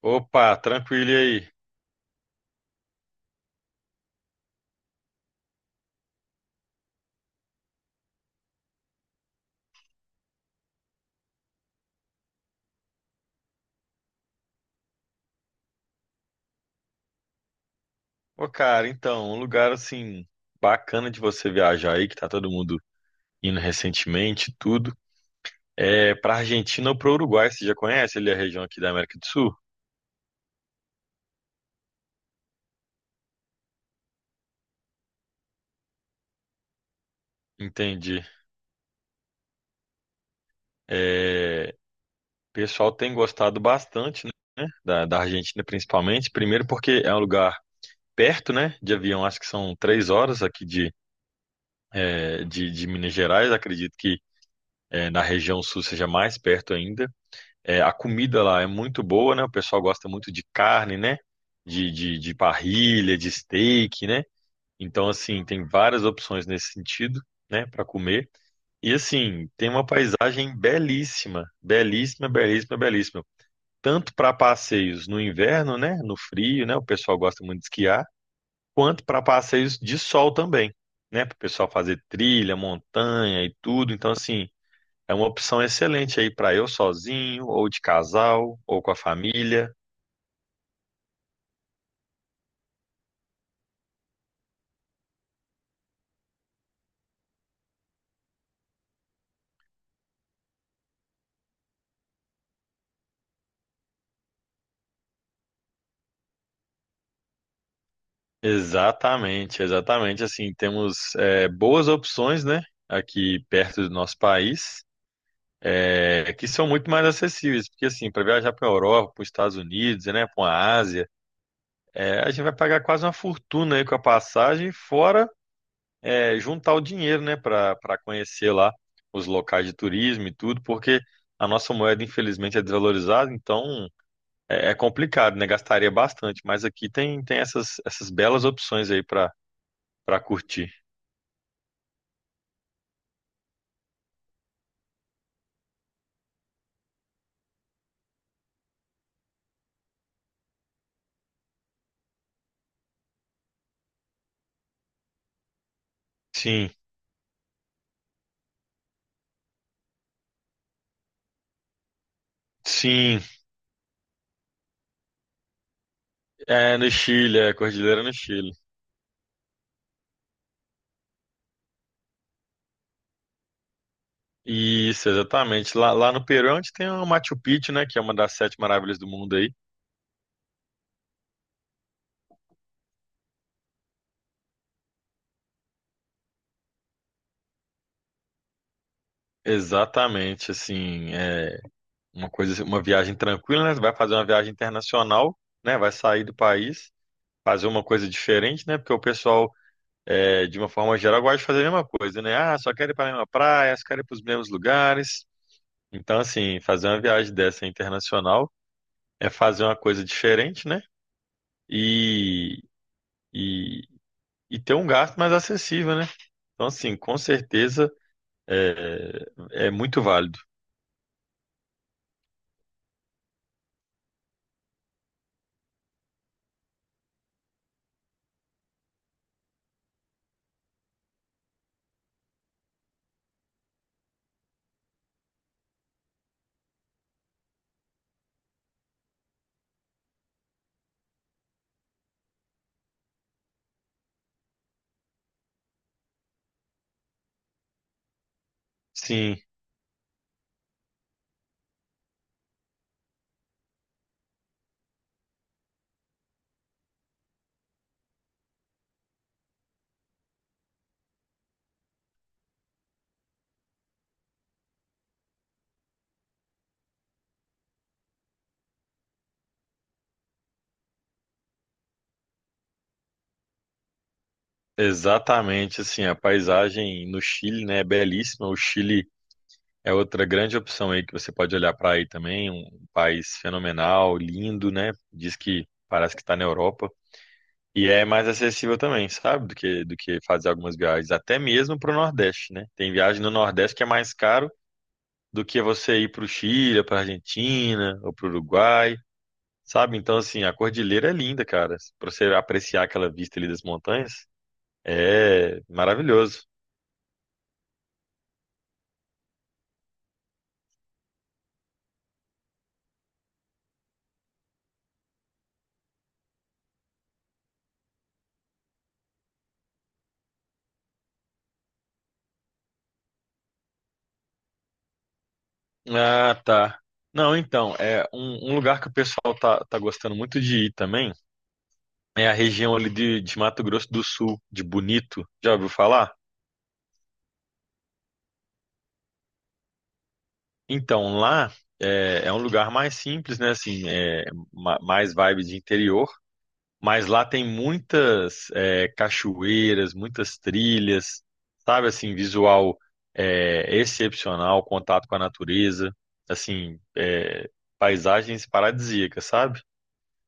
Opa, tranquilo e aí? Ô, cara, então, um lugar assim bacana de você viajar aí, que tá todo mundo indo recentemente, e tudo. É pra Argentina ou pro Uruguai, você já conhece ali a região aqui da América do Sul? Entendi. É, o pessoal tem gostado bastante, né? Da Argentina principalmente. Primeiro porque é um lugar perto, né? De avião, acho que são 3 horas aqui de Minas Gerais. Acredito que na região sul seja mais perto ainda. É, a comida lá é muito boa, né? O pessoal gosta muito de carne, né? De parrilha, de steak, né? Então, assim, tem várias opções nesse sentido, né? Para comer. E, assim, tem uma paisagem belíssima, belíssima, belíssima, belíssima. Tanto para passeios no inverno, né? No frio, né? O pessoal gosta muito de esquiar, quanto para passeios de sol também, né? Para o pessoal fazer trilha, montanha e tudo. Então, assim. É uma opção excelente aí para eu sozinho, ou de casal, ou com a família. Exatamente, exatamente. Assim, temos boas opções, né, aqui perto do nosso país, que são muito mais acessíveis, porque assim, para viajar para a Europa, para os Estados Unidos, né, para a Ásia, a gente vai pagar quase uma fortuna aí com a passagem, fora juntar o dinheiro, né, para conhecer lá os locais de turismo e tudo, porque a nossa moeda, infelizmente, é desvalorizada, então É, é complicado, né? Gastaria bastante, mas aqui tem, tem essas, essas belas opções aí para curtir. Sim, sim, é no Chile, é Cordilheira no Chile. Isso, exatamente. Lá no Peru é onde tem o Machu Picchu, né? Que é uma das sete maravilhas do mundo aí. Exatamente, assim, é uma coisa, uma viagem tranquila, né? Você vai fazer uma viagem internacional, né? Vai sair do país, fazer uma coisa diferente, né? Porque o pessoal, de uma forma geral, gosta de fazer a mesma coisa, né? Ah, só quero ir para a mesma praia, só quero ir para os mesmos lugares. Então, assim, fazer uma viagem dessa internacional é fazer uma coisa diferente, né? E, e, e ter um gasto mais acessível, né? Então, assim, com certeza é muito válido. Sim, exatamente. Assim, a paisagem no Chile, né, é belíssima. O Chile é outra grande opção aí que você pode olhar para aí também. Um país fenomenal, lindo, né? Diz que parece que está na Europa. E é mais acessível também, sabe? Do que fazer algumas viagens, até mesmo para o Nordeste, né? Tem viagem no Nordeste que é mais caro do que você ir para o Chile, para Argentina ou para o Uruguai, sabe? Então, assim, a cordilheira é linda, cara. Para você apreciar aquela vista ali das montanhas, é maravilhoso. Ah, tá. Não, então, é um lugar que o pessoal tá gostando muito de ir também é a região ali de Mato Grosso do Sul, de Bonito. Já ouviu falar? Então, lá é um lugar mais simples, né? Assim, mais vibe de interior, mas lá tem muitas cachoeiras, muitas trilhas, sabe? Assim, visual excepcional, contato com a natureza, assim, paisagens paradisíacas, sabe?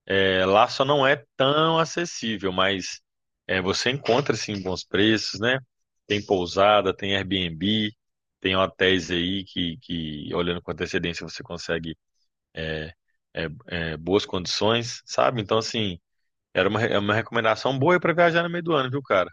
É, lá só não é tão acessível, mas você encontra assim bons preços, né? Tem pousada, tem Airbnb, tem hotéis aí que olhando com antecedência você consegue é, boas condições, sabe? Então, assim, era é uma recomendação boa para viajar no meio do ano, viu, cara?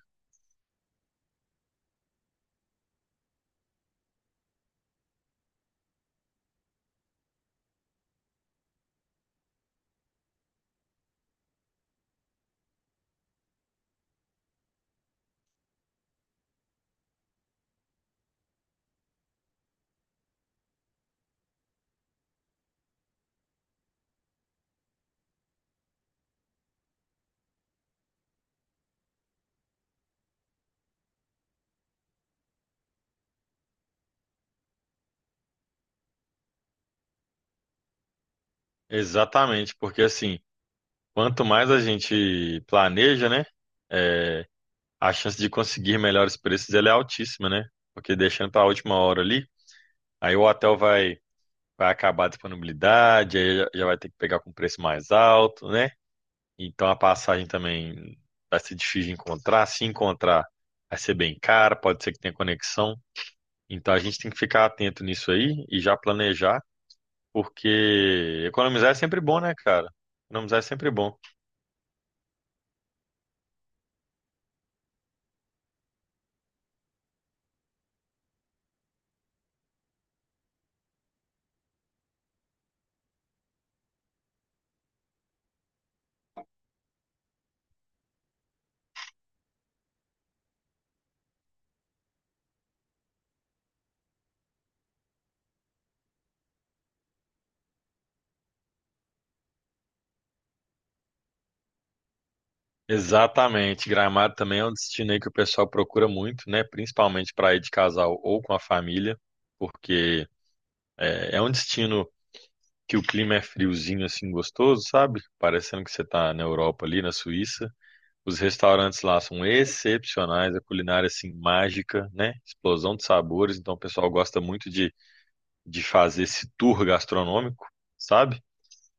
Exatamente, porque assim, quanto mais a gente planeja, né? é, a chance de conseguir melhores preços ela é altíssima, né? Porque deixando para a última hora ali, aí o hotel vai acabar a disponibilidade, aí já vai ter que pegar com preço mais alto, né? Então a passagem também vai ser difícil de encontrar. Se encontrar, vai ser bem cara, pode ser que tenha conexão. Então a gente tem que ficar atento nisso aí e já planejar, porque economizar é sempre bom, né, cara? Economizar é sempre bom. Exatamente. Gramado também é um destino aí que o pessoal procura muito, né? Principalmente para ir de casal ou com a família, porque é um destino que o clima é friozinho assim gostoso, sabe? Parecendo que você tá na Europa ali, na Suíça. Os restaurantes lá são excepcionais, a culinária assim mágica, né? Explosão de sabores, então o pessoal gosta muito de fazer esse tour gastronômico, sabe?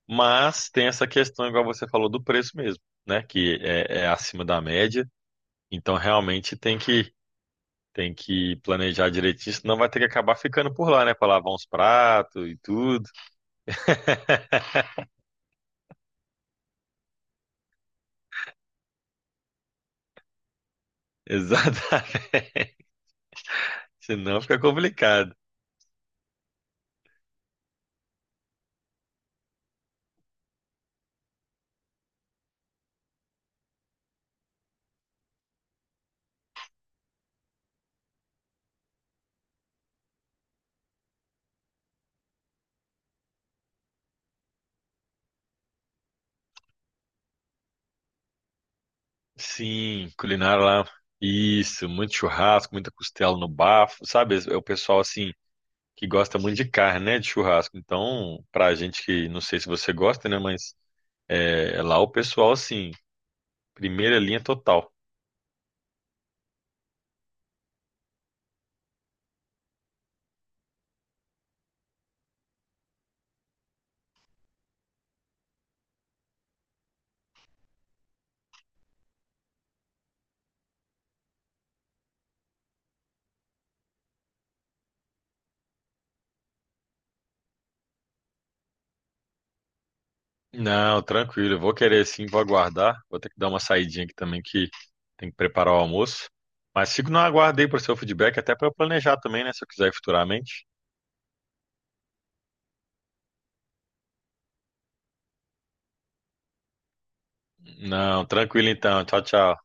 Mas tem essa questão, igual você falou, do preço mesmo, né? Que é acima da média, então realmente tem que planejar direitinho, senão vai ter que acabar ficando por lá, né? Pra lavar uns pratos e tudo. Exatamente. Senão fica complicado. Sim, culinária lá. Isso, muito churrasco, muita costela no bafo, sabe? É o pessoal assim que gosta muito de carne, né? De churrasco. Então, pra gente que não sei se você gosta, né? Mas lá o pessoal assim, primeira linha total. Não, tranquilo, eu vou querer sim, vou aguardar. Vou ter que dar uma saidinha aqui também que tem que preparar o almoço. Mas fico no aguardo aí pro seu feedback, até pra eu planejar também, né? Se eu quiser ir futuramente. Não, tranquilo então. Tchau, tchau.